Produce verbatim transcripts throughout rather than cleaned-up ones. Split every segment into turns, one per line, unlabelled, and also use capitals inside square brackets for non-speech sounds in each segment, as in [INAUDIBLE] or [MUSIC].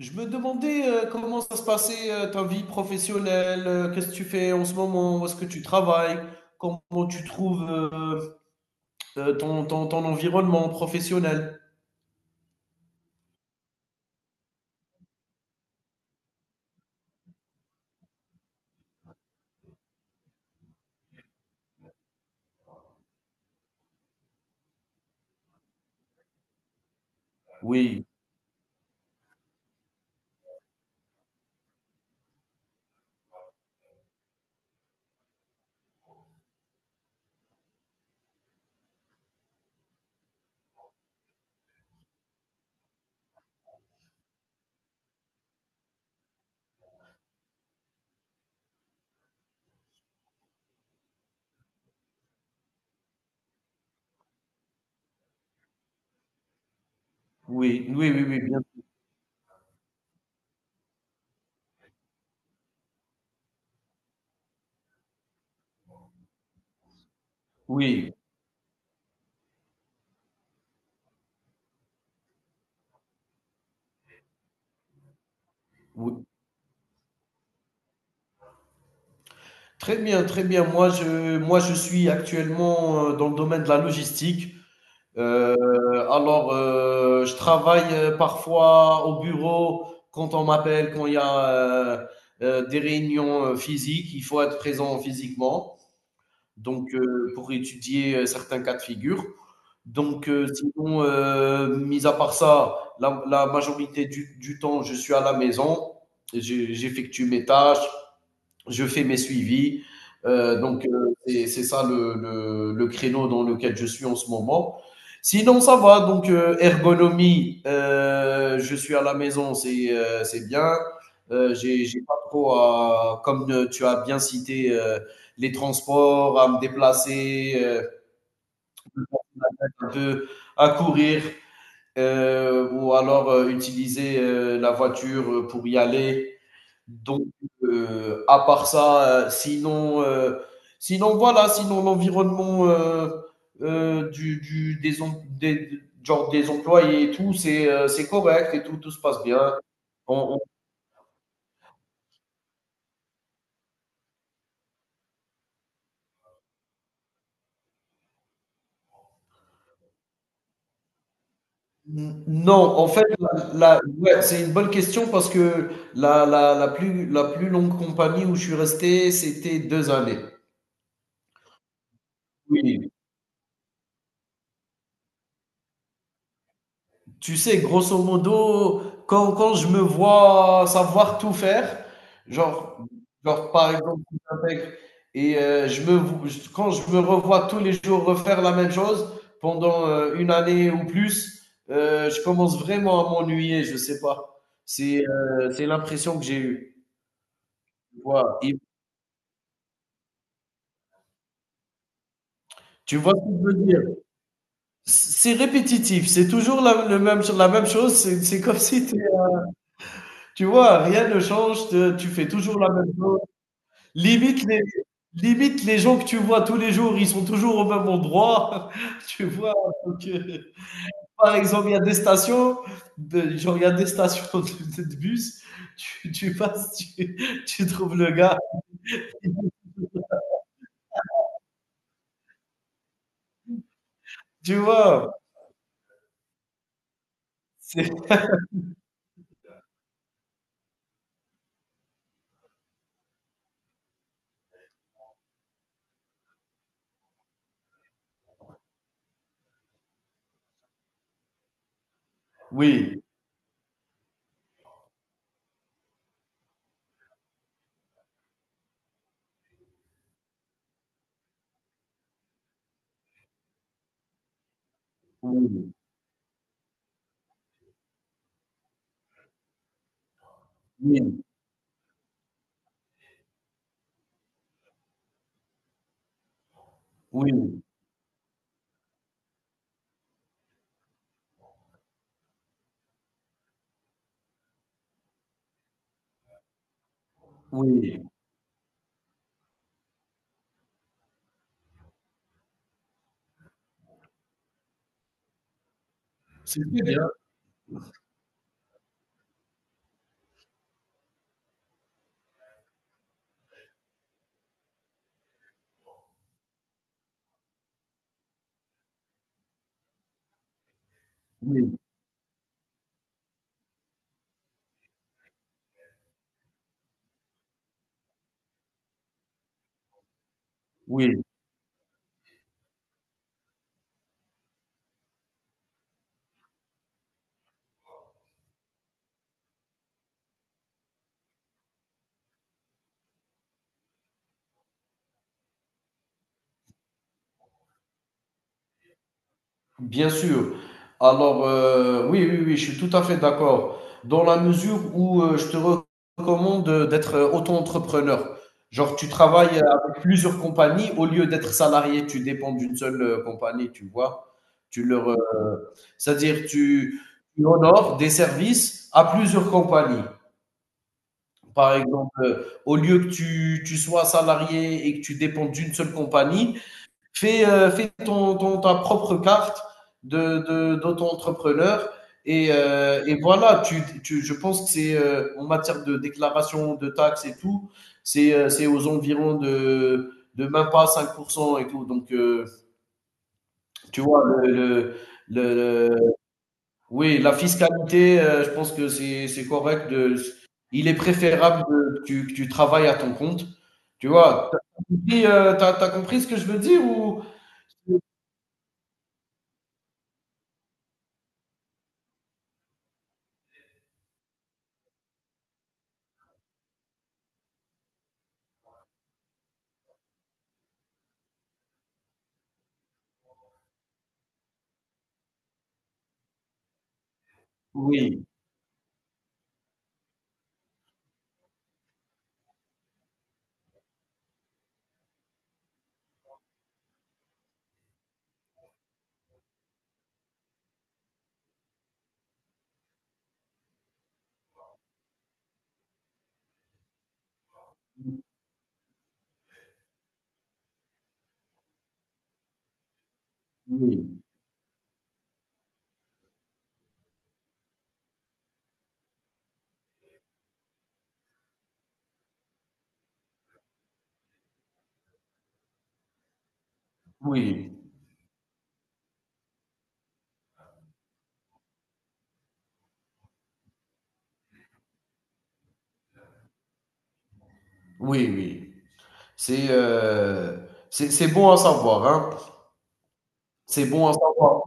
Je me demandais euh, comment ça se passait, euh, ta vie professionnelle, euh, qu'est-ce que tu fais en ce moment, où est-ce que tu travailles, comment tu trouves euh, euh, ton, ton, ton environnement professionnel. Oui, oui, oui, oui, oui, bien. Oui, oui. Très bien, très bien. Moi, je, moi, je suis actuellement euh, dans le domaine de la logistique. Euh, alors, euh, je travaille euh, parfois au bureau quand on m'appelle, quand il y a euh, euh, des réunions euh, physiques, il faut être présent physiquement, donc euh, pour étudier euh, certains cas de figure. Donc, euh, sinon, euh, mis à part ça, la, la majorité du, du temps, je suis à la maison, J'ai- j'effectue mes tâches, je fais mes suivis. Euh, donc, euh, c'est c'est ça le, le- le créneau dans lequel je suis en ce moment. Sinon, ça va. Donc, euh, ergonomie, euh, je suis à la maison, c'est euh, c'est bien. Euh, j'ai j'ai pas trop à, comme euh, tu as bien cité, euh, les transports, à me déplacer, euh, peut-être un peu à courir, euh, ou alors euh, utiliser euh, la voiture pour y aller. Donc, euh, à part ça, euh, sinon, euh, sinon voilà, sinon l'environnement euh, euh, du, du- des, em- des, genre des employés et tout, c'est euh, c'est correct et tout, tout se passe bien. On- on- non, en fait, la, la- ouais, c'est une bonne question parce que la, la, la plus, la plus longue compagnie où je suis resté, c'était deux années. Oui. Tu sais, grosso modo, quand, quand je me vois savoir tout faire, genre, genre par exemple, j'intègre et euh, je me, vo- je- quand je me revois tous les jours refaire la même chose pendant euh, une année ou plus, euh, je commence vraiment à m'ennuyer, je sais pas. C'est euh, c'est l'impression que j'ai eue. Voilà. Et tu vois ce que je veux dire? C'est répétitif, c'est toujours la, le même, la même chose, c'est c'est comme si, t'es- tu vois, rien ne change, te- tu fais toujours la même chose. Limite les Limite les gens que tu vois tous les jours, ils sont toujours au même endroit, [LAUGHS] tu vois? Donc, heu, par exemple, il y a des stations de genre, il y a des stations [LAUGHS] de de bus, tu tu passes, tu tu trouves le gars, tu vois? C'est oui, oui, oui, oui, oui, c'est bien, oui, oui. Bien sûr. Alors, euh, oui, oui, oui, je suis tout à fait d'accord. Dans la mesure où euh, je te recommande euh, d'être euh, auto-entrepreneur. Genre, tu travailles avec plusieurs compagnies au lieu d'être salarié, tu dépends d'une seule, euh, compagnie, tu vois. Tu leur, euh, C'est-à-dire, tu, tu honores des services à plusieurs compagnies. Par exemple, euh, au lieu que tu, tu sois salarié et que tu dépends d'une seule compagnie, fais, euh, fais ton, ton- ta propre carte de, de, d'auto-entrepreneur. Et, euh, et voilà, tu, tu, je pense que c'est euh, en matière de déclaration de taxes et tout, c'est, euh, c'est aux environs de, de même pas cinq pour cent et tout. Donc, euh, tu vois, le, le, le- le- oui, la fiscalité, euh, je pense que c'est, c'est correct. De, il est préférable de- que tu, que tu travailles à ton compte. Tu vois, t'as compris, euh, t'as- t'as compris ce que je veux dire ou... Oui. Oui, oui, oui, oui. C'est, heu, c'est c'est bon à savoir, hein. C'est bon à savoir.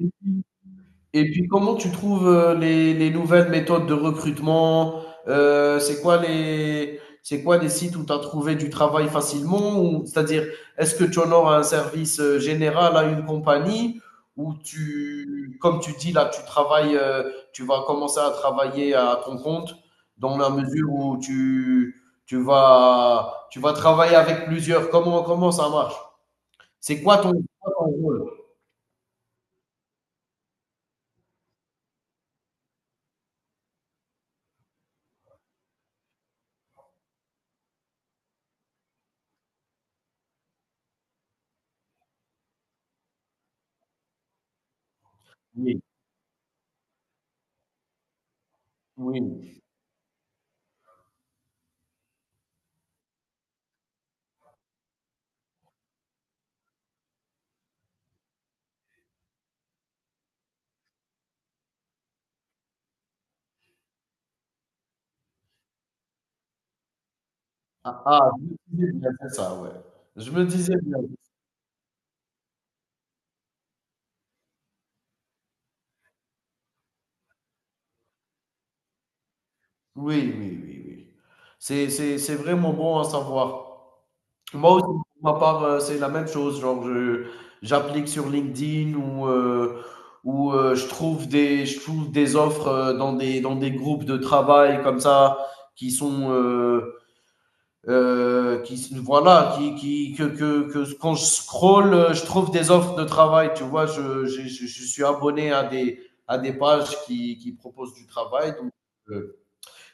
Et puis, comment tu trouves euh, les, les nouvelles méthodes de recrutement? Euh, c'est quoi les, c'est quoi les sites où tu as trouvé du travail facilement? Ou, c'est-à-dire, est-ce que tu honores un service euh, général à une compagnie ou tu, comme tu dis là, tu travailles, euh, tu vas commencer à travailler à ton compte dans la mesure où tu, tu vas, tu vas travailler avec plusieurs. Comment, comment ça marche? C'est quoi ton, quoi ton rôle? Oui, oui. Ah ah, je me disais bien, c'est ça, ouais. Je me disais bien. Oui, oui, oui, oui. C'est c'est c'est vraiment bon à savoir. Moi aussi, pour ma part, heu, c'est la même chose, genre je j'applique sur LinkedIn ou heu ou heu, je trouve des je trouve des offres, heu, dans des dans des groupes de travail comme ça qui sont, heu euh, qui voilà, qui, qui que, que, que quand je scroll, je trouve des offres de travail. Tu vois, je, je, je je suis abonné à des, à des pages qui, qui proposent du travail. Donc, euh,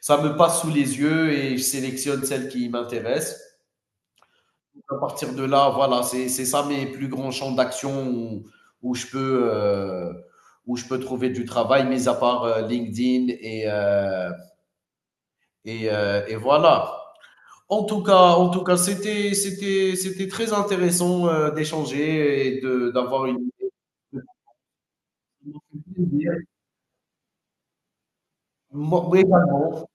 ça me passe sous les yeux et je sélectionne celles qui m'intéressent. À partir de là, voilà, c'est c'est ça mes plus grands champs d'action où, où je peux, euh, où je peux trouver du travail, mis à part euh, LinkedIn et euh, et, euh, et voilà. En tout cas, en tout cas, c'était, c'était, c'était très intéressant euh, d'échanger et de, d'avoir une idée. Moi moi également,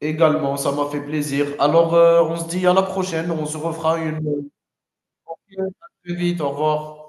également, ça m'a fait plaisir. Alors, euh, on se dit à la prochaine, on se refera une à très vite, au revoir.